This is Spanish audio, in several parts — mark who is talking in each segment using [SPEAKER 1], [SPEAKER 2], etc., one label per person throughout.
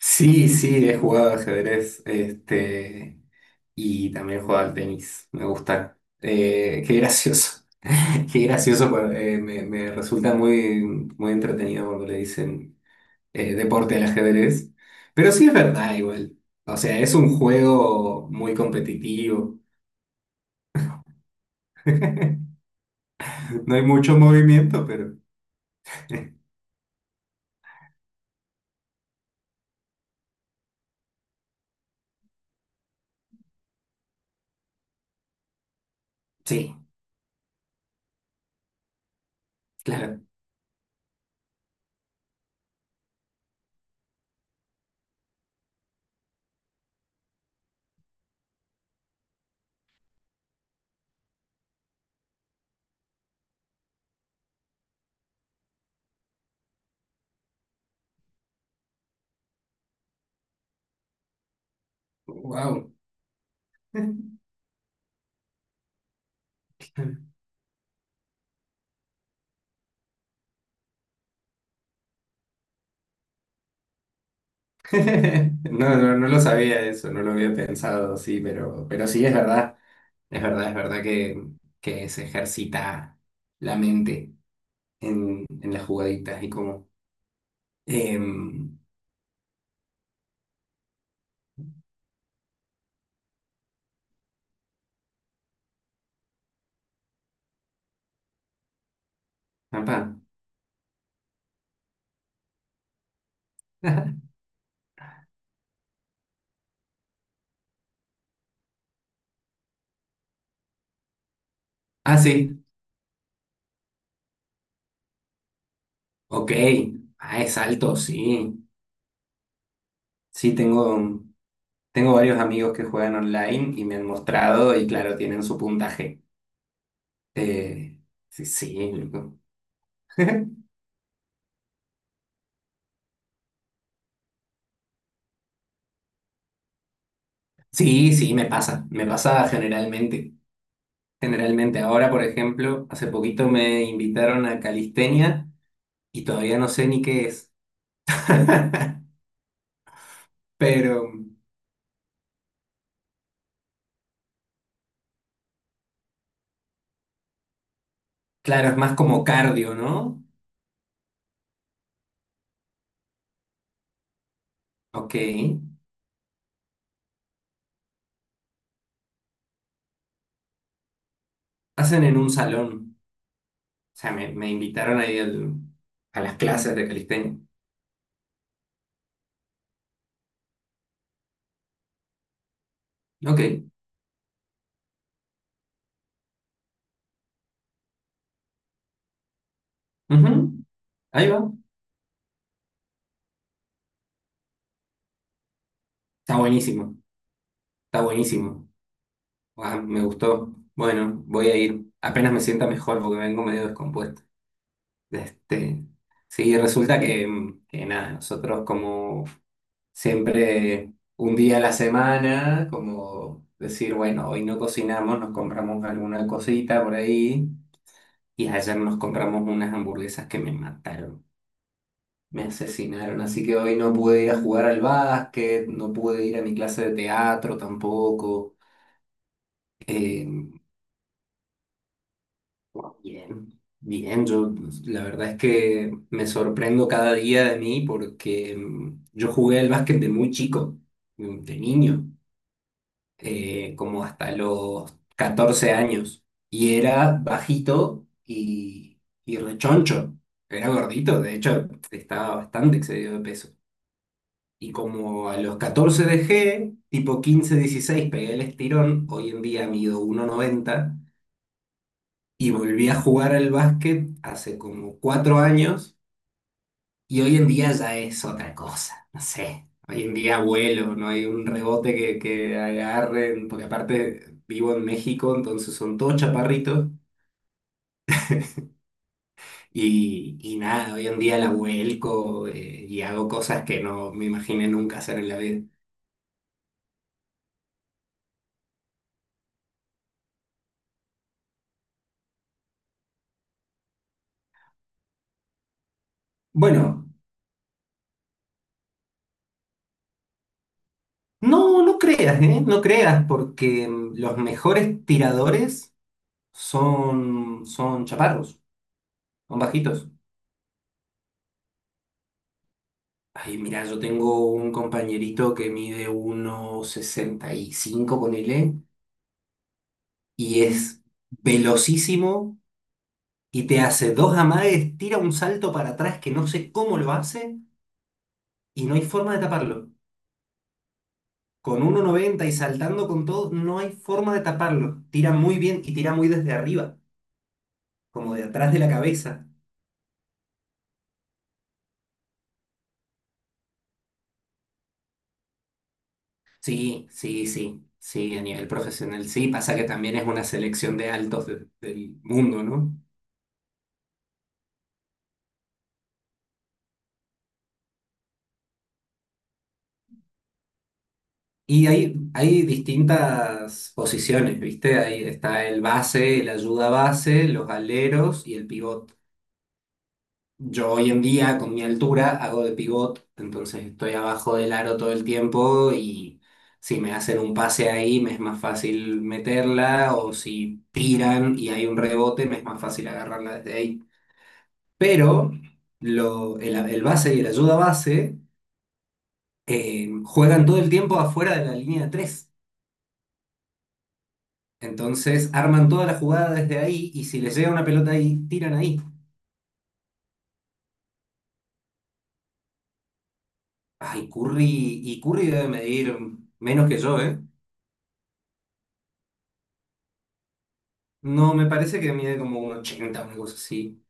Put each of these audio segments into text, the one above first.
[SPEAKER 1] Sí, sí, he jugado ajedrez, y también he jugado al tenis, me gusta. Qué gracioso, qué gracioso, pero, me resulta muy, muy entretenido cuando le dicen deporte al ajedrez. Pero sí es verdad igual, o sea, es un juego muy competitivo, no hay mucho movimiento, pero sí, claro, wow. No, no, no lo sabía eso, no lo había pensado, sí, pero, sí es verdad. Es verdad, es verdad que, se ejercita la mente en las jugaditas y como. em, Papá. Ah, sí, ok. Ah, es alto, sí. Sí, tengo varios amigos que juegan online y me han mostrado y claro, tienen su puntaje. Eh, sí, sí, loco. Sí, sí, me pasa generalmente. Generalmente ahora, por ejemplo, hace poquito me invitaron a calistenia y todavía no sé ni qué es. Pero, claro, es más como cardio, ¿no? Ok. Hacen en un salón. O sea, me invitaron ahí a las clases de calistenia. Ok, ujú, ahí va. Está buenísimo. Está buenísimo. Ah, me gustó. Bueno, voy a ir. Apenas me sienta mejor porque vengo medio descompuesto. Este, sí, resulta que nada, nosotros como siempre un día a la semana, como decir, bueno, hoy no cocinamos, nos compramos alguna cosita por ahí y ayer nos compramos unas hamburguesas que me mataron, me asesinaron, así que hoy no pude ir a jugar al básquet, no pude ir a mi clase de teatro tampoco. Eh, Bien, bien, yo la verdad es que me sorprendo cada día de mí porque yo jugué al básquet de muy chico, de niño. Como hasta los 14 años. Y era bajito y, rechoncho. Era gordito, de hecho, estaba bastante excedido de peso. Y como a los 14 dejé, tipo 15 16 pegué el estirón. Hoy en día mido 1,90 y volví a jugar al básquet hace como 4 años. Y hoy en día ya es otra cosa, no sé. Hoy en día vuelo, no hay un rebote que, agarren, porque aparte vivo en México, entonces son todos chaparritos. y nada, hoy en día la vuelco, y hago cosas que no me imaginé nunca hacer en la vida. Bueno, no, no creas, ¿eh? No creas, porque los mejores tiradores son chaparros, son bajitos. Ay, mira, yo tengo un compañerito que mide 1,65, ponele, y es velocísimo y te hace dos amagues, tira un salto para atrás que no sé cómo lo hace y no hay forma de taparlo. Con 1,90 y saltando con todo, no hay forma de taparlo. Tira muy bien y tira muy desde arriba, como de atrás de la cabeza. Sí, sí, sí, sí, a nivel profesional, sí. Pasa que también es una selección de altos del mundo, ¿no? Y hay distintas posiciones, ¿viste? Ahí está el base, el ayuda base, los aleros y el pivot. Yo hoy en día, con mi altura, hago de pivot, entonces estoy abajo del aro todo el tiempo y si me hacen un pase ahí, me es más fácil meterla o si tiran y hay un rebote, me es más fácil agarrarla desde ahí. Pero el base y el ayuda base juegan todo el tiempo afuera de la línea de tres. Entonces arman toda la jugada desde ahí y si les llega una pelota ahí, tiran ahí. Ay, Curry, y Curry debe medir menos que yo, ¿eh? No, me parece que mide como 1,80, una cosa así.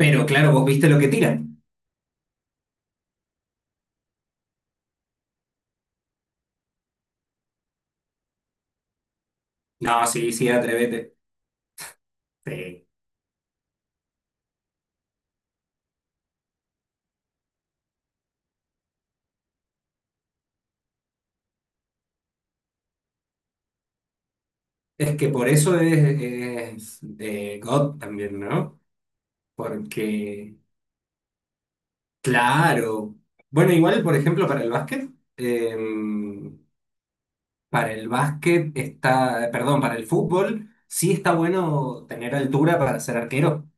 [SPEAKER 1] Pero claro, vos viste lo que tiran. No, sí, sí, atrévete. Sí. Es que por eso es, de God también, ¿no? Porque, claro. Bueno, igual, por ejemplo, para el básquet, eh, para el básquet está, perdón, para el fútbol sí está bueno tener altura para ser arquero.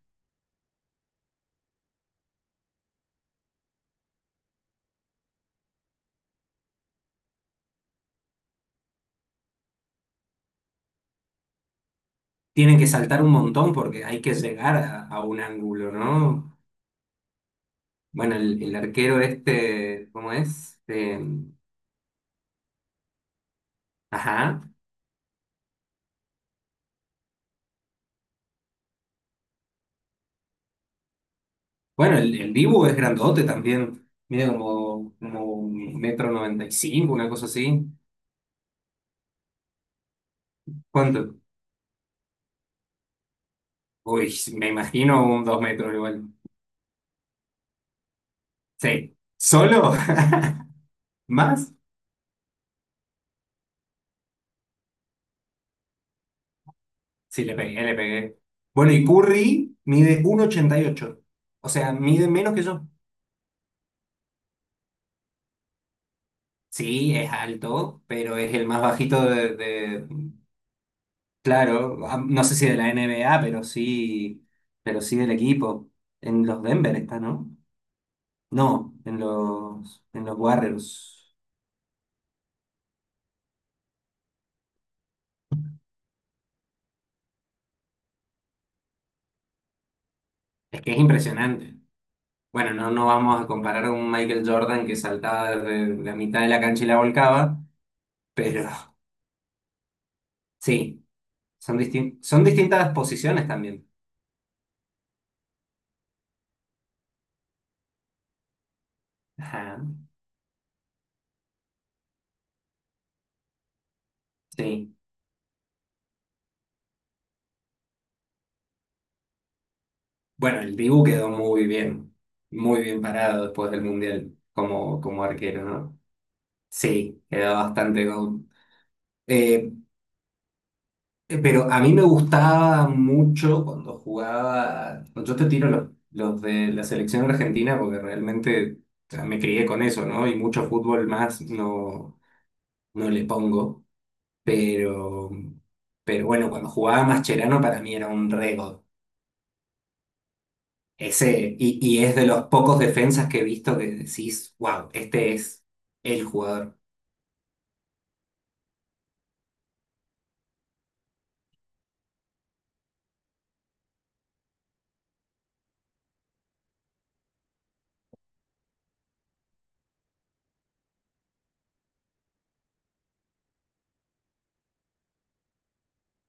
[SPEAKER 1] Tienen que saltar un montón porque hay que llegar a, un ángulo, ¿no? Bueno, el arquero este, ¿cómo es? Ajá. Bueno, el Dibu es grandote también. Mide como 1,95 m, una cosa así. ¿Cuánto? Uy, me imagino un 2 metros igual. Sí. ¿Solo? ¿Más? Sí, le pegué, le pegué. Bueno, y Curry mide 1,88. O sea, mide menos que yo. Sí, es alto, pero es el más bajito claro, ah, no sé si de la N B A pero sí del equipo. En los Denver está, ¿no? No, en los Warriors. Es que es impresionante. Bueno, no, no vamos a comparar a un Michael Jordan que saltaba de la mitad de la cancha y la volcaba, pero sí, son distintas posiciones también. Ajá, sí. Bueno, el Dibu quedó muy bien parado después del Mundial como, arquero, ¿no? Sí, quedó bastante gol. Eh, pero a mí me gustaba mucho cuando jugaba, yo te tiro los de la selección argentina porque realmente, o sea, me crié con eso, ¿no? Y mucho fútbol más no, no le pongo, pero, pero, bueno, cuando jugaba Mascherano para mí era un rego. Ese, y es de los pocos defensas que he visto que decís, wow, este es el jugador.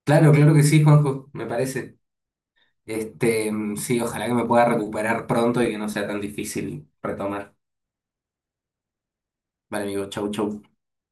[SPEAKER 1] Claro, claro que sí, Juanjo, me parece. Sí, ojalá que me pueda recuperar pronto y que no sea tan difícil retomar. Vale, amigo, chau, chau.